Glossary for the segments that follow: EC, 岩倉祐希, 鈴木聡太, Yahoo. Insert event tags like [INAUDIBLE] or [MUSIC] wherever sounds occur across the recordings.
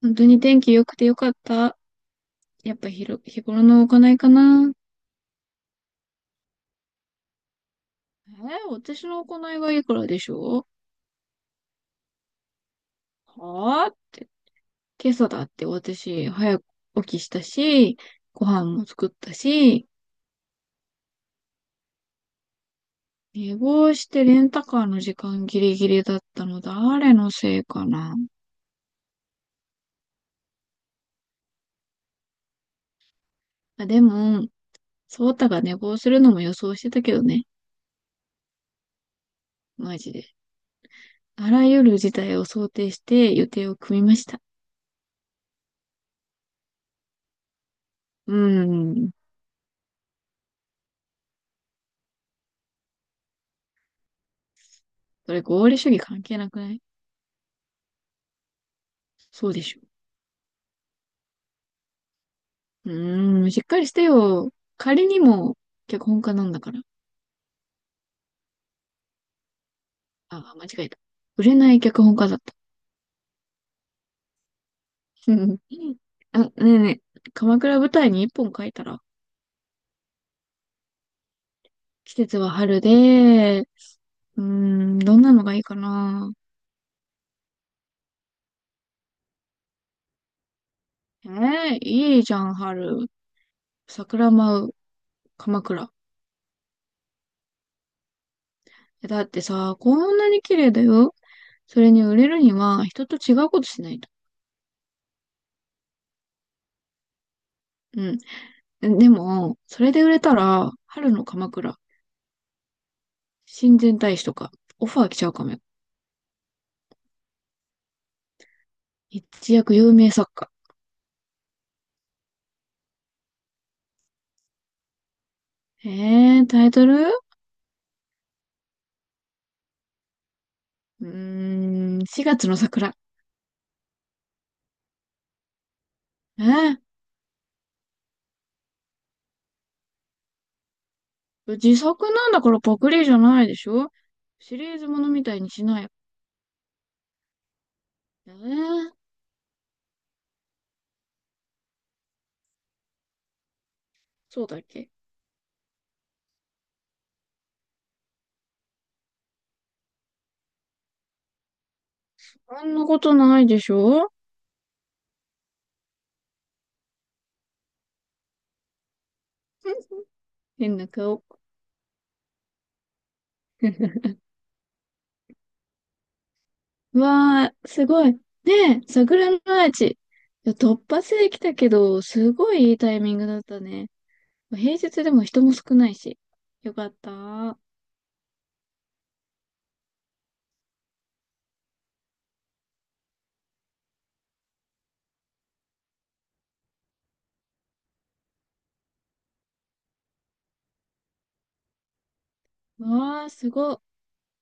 本当に天気良くてよかった。やっぱひろ、日頃の行いかな。私の行いはいくらでしょうはぁって。今朝だって私、早く起きしたし、ご飯も作ったし、寝坊してレンタカーの時間ギリギリだったの誰のせいかな。あ、でも、ソータが寝坊するのも予想してたけどね。マジで。あらゆる事態を想定して予定を組みました。うーん。それ合理主義関係なくない？そうでしょ？うしっかりしてよ。仮にも脚本家なんだから。あ、間違えた。売れない脚本家だった。[LAUGHS] うん。あ、ねえねえ、鎌倉舞台に一本書いたら、季節は春で、どんなのがいいかな。ええいいじゃん、春。桜舞う、鎌倉。えだってさ、こんなに綺麗だよ。それに売れるには、人と違うことしないと。うん。でも、それで売れたら、春の鎌倉、親善大使とか、オファー来ちゃうかもよ。一躍有名作家。タイトル4月の桜。えー、自作なんだからパクリじゃないでしょ？シリーズものみたいにしない。えー、そうだっけ？あんなことないでしょ？ [LAUGHS] 変な顔。[LAUGHS] わー、すごい。ねえ、桜のアーチ。いや突発で来たけど、すごいいいタイミングだったね。平日でも人も少ないし。よかった。わー、すごい。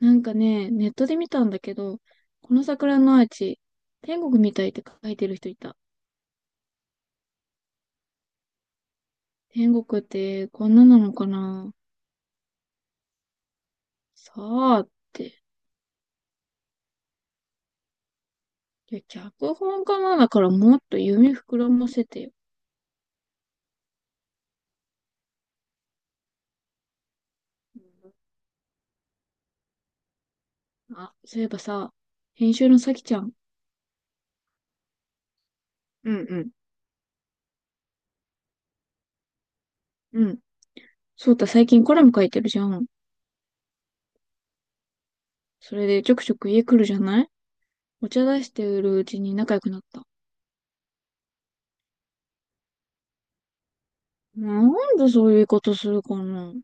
なんかね、ネットで見たんだけど、この桜のアーチ、天国みたいって書いてる人いた。天国ってこんななのかな？さあって。いや、脚本家なんだからもっと夢膨らませてよ。うん。あ、そういえばさ、編集のさきちゃん。うんうん。うん。そうた、最近コラム書いてるじゃん。それでちょくちょく家来るじゃない？お茶出してるうちに仲良くなった。なんでそういうことするかな？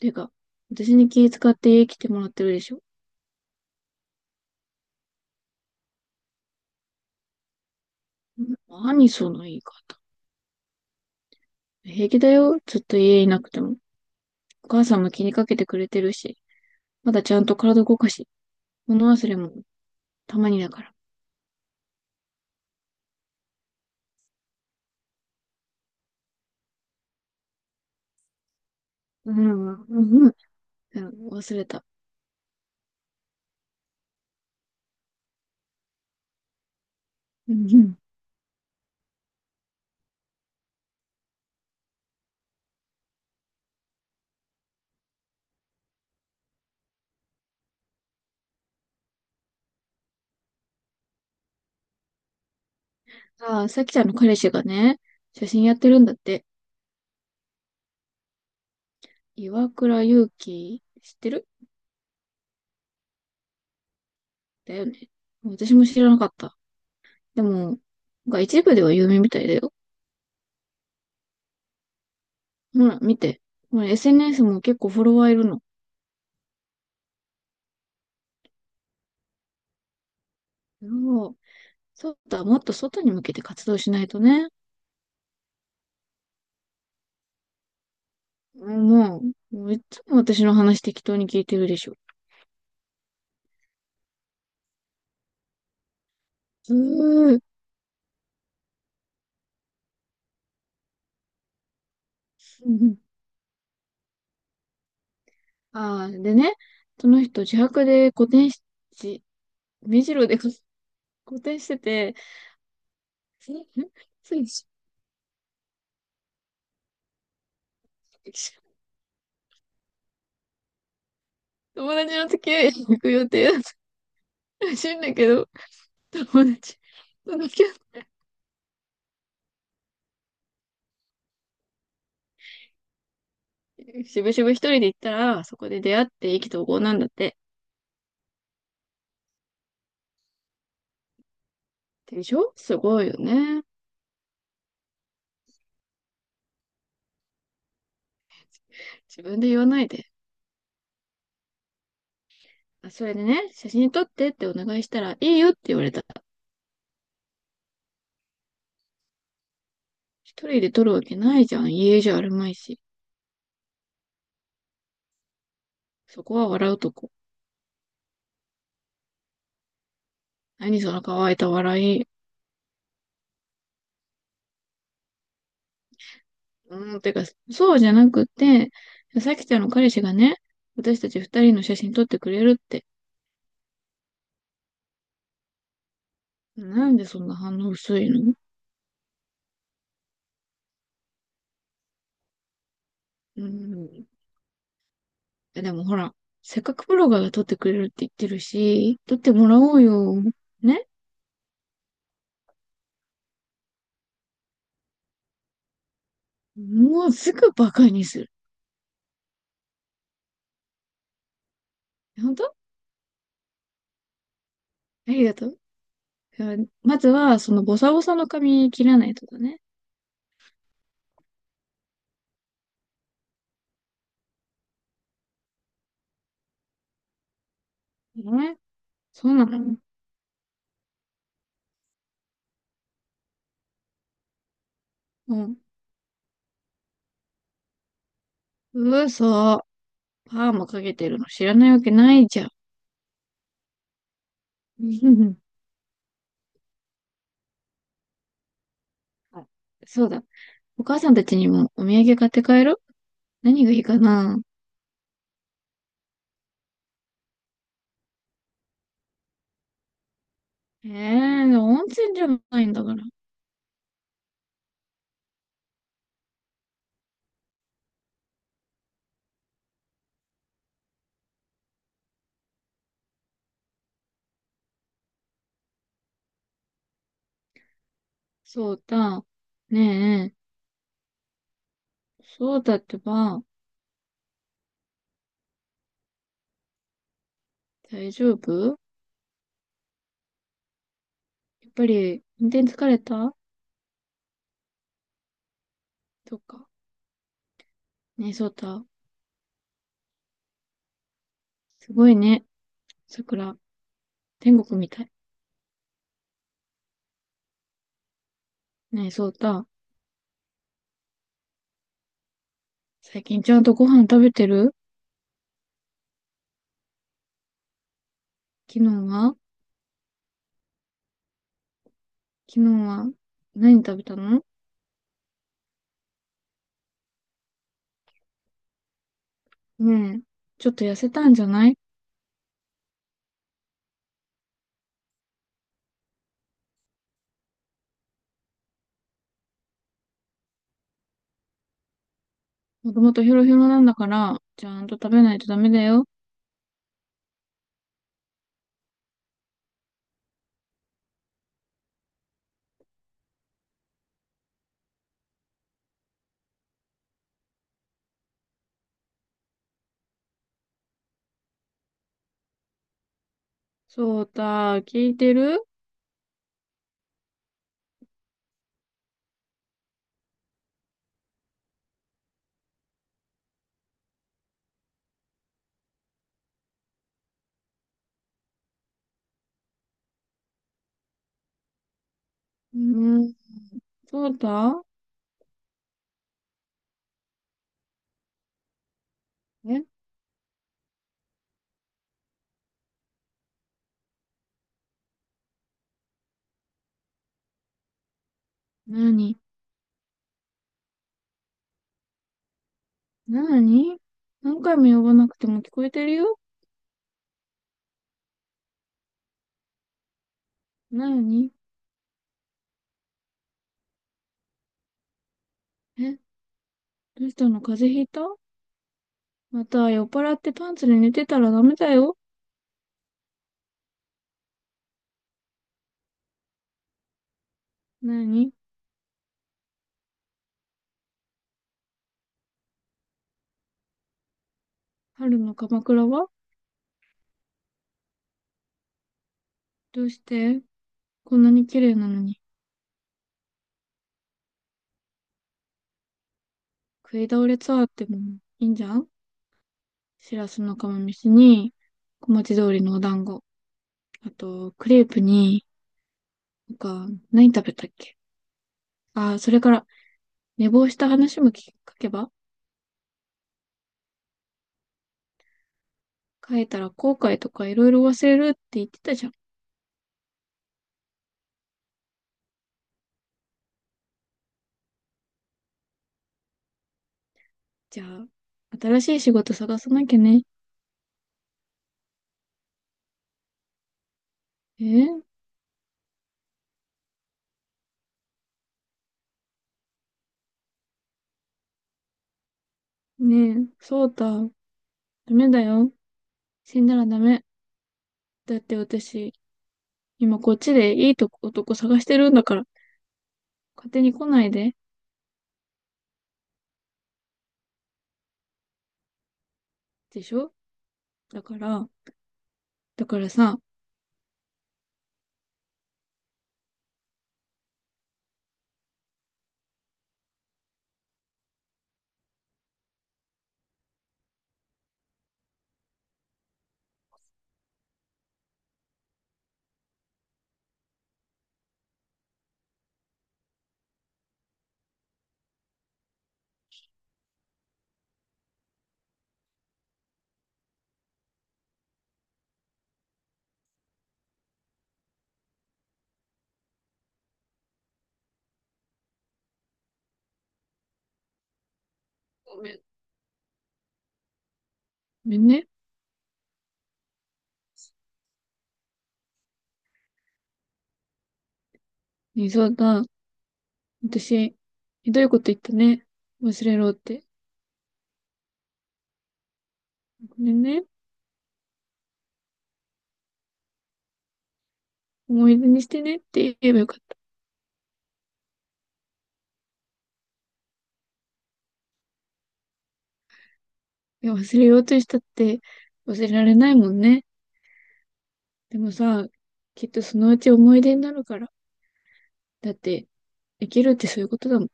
てか、私に気遣って家来てもらってるでしょ？何その言い方。平気だよ。ずっと家いなくても。お母さんも気にかけてくれてるし。まだちゃんと体動かし。物忘れもたまにだから。うん、うん、うん。忘れた。うん、うん。ああ、さきちゃんの彼氏がね、写真やってるんだって。岩倉祐希、知ってる？だよね。私も知らなかった。でも、なんか一部では有名みたいだよ。ほら、見て。これ SNS も結構フォロワーいるの。そう、そうだ、もっと外に向けて活動しないとね。もう、もういつも私の話適当に聞いてるでしょ？うーん。ああ、でね、その人自白で古典し、じ目白で古典してて、んんつい友達の付き合いに行く予定だったらしいんだけど、友達と付き合ってしぶしぶ一人で行ったら、そこで出会って意気投合なんだって。でしょ？すごいよね。自分で言わないで。あ、それでね、写真撮ってってお願いしたら、いいよって言われた。一人で取るわけないじゃん。家じゃあるまいし。そこは笑うとこ。何その乾いた笑い。うん、てか、そうじゃなくて、さきちゃんの彼氏がね、私たち二人の写真撮ってくれるって。なんでそんな反応薄いの？うん。でもほら、せっかくブロガーが撮ってくれるって言ってるし、撮ってもらおうよ。ね。もうすぐバカにする。本当ありがとう。まずは、そのボサボサの髪切らないとかね。ね？そうなの？うん。嘘。パーマかけてるの知らないわけないじゃん。うん。あ [LAUGHS] そうだ。お母さんたちにもお土産買って帰る？何がいいかな？ええー、温泉じゃないんだから。そうだ。ねえ、そうだってば、大丈夫？やっぱり、運転疲れた？うか。ねえ、そうだ。すごいね、桜。天国みたい。ねえ、そうだ。最近ちゃんとご飯食べてる？昨日は昨日は何食べたの？ねえ、ちょっと痩せたんじゃない？もともとヘロヘロなんだから、ちゃんと食べないとダメだよ。そうた、聞いてる？うん、そうた。え？なに。なに？何回も呼ばなくても聞こえてるよ。なに？え？どうしたの？風邪ひいた？また酔っ払ってパンツで寝てたらダメだよ。なに？春の鎌倉は、どうして、こんなに綺麗なのに。食い倒れツアーってもいいんじゃん。しらすの釜飯に小町通りのお団子。あと、クレープに、なんか、何食べたっけ？ああ、それから、寝坊した話も聞けば、書いたら後悔とかいろいろ忘れるって言ってたじゃん。じゃあ、新しい仕事探さなきゃね。えー、ねえ、そうた、ダメだよ。死んだらダメ。だって私、今こっちでいいとこ男探してるんだから、勝手に来ないで。でしょ？だから、だからさ、ごめん、ごめんね。ねえ、そうた、私、ひどいこと言ったね。忘れろって。これね、思い出にしてねって言えばよかった。いや、忘れようとしたって忘れられないもんね。でもさ、きっとそのうち思い出になるから。だって、生きるってそういうことだもん。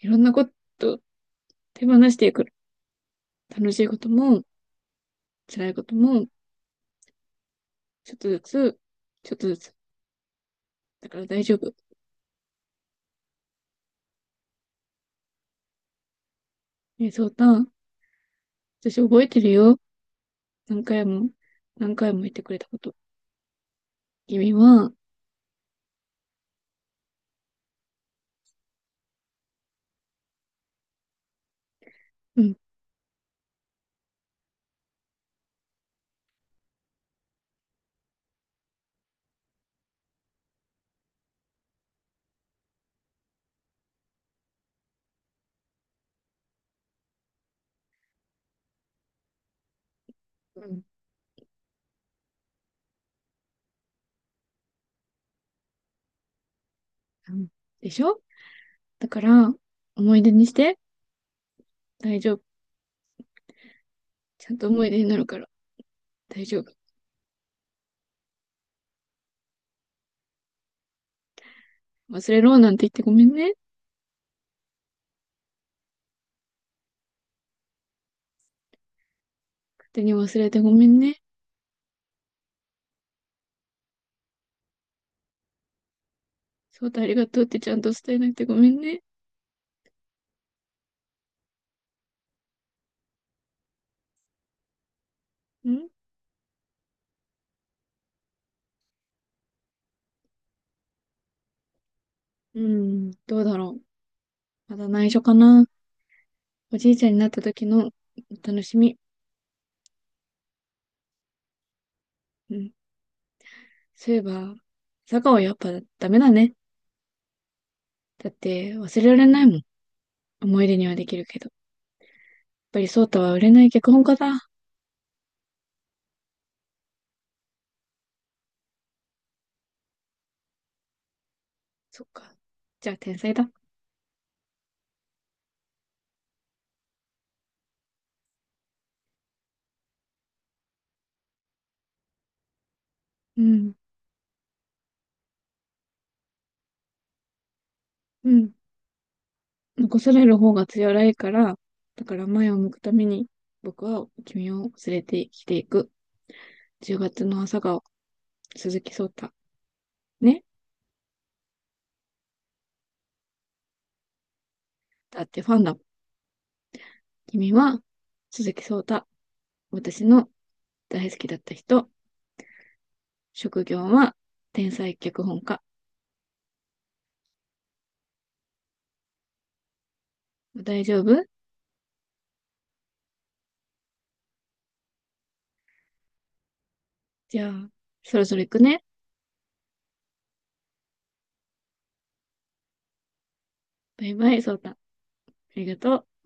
いろんなこと手放していく。楽しいことも、辛いことも、ちょっとずつ、ちょっとずつ。だから大丈夫。え、そうたん、私覚えてるよ。何回も、何回も言ってくれたこと。君は、うん、うん、うん。でしょ？だから、思い出にして、大丈夫。ちゃんと思い出になるから大丈夫。忘れろなんて言ってごめんね。勝手に忘れてごめんね。翔太ありがとうってちゃんと伝えなくてごめんね。ん。うん、どうだろう。まだ内緒かな。おじいちゃんになった時のお楽しみ。うん。そういえば、坂はやっぱダメだね。だって忘れられないもん。思い出にはできるけど。やっぱり翔太は売れない脚本家だ。そっか。じゃあ天才だ。うん。うん。残される方が辛いから、だから前を向くために、僕は君を連れて生きていく。10月の朝顔、鈴木聡太。ね。だってファンだ。君は鈴木聡太。私の大好きだった人。職業は天才脚本家。大丈夫？じゃあ、そろそろ行くね。バイバイ、聡太。ありがとう。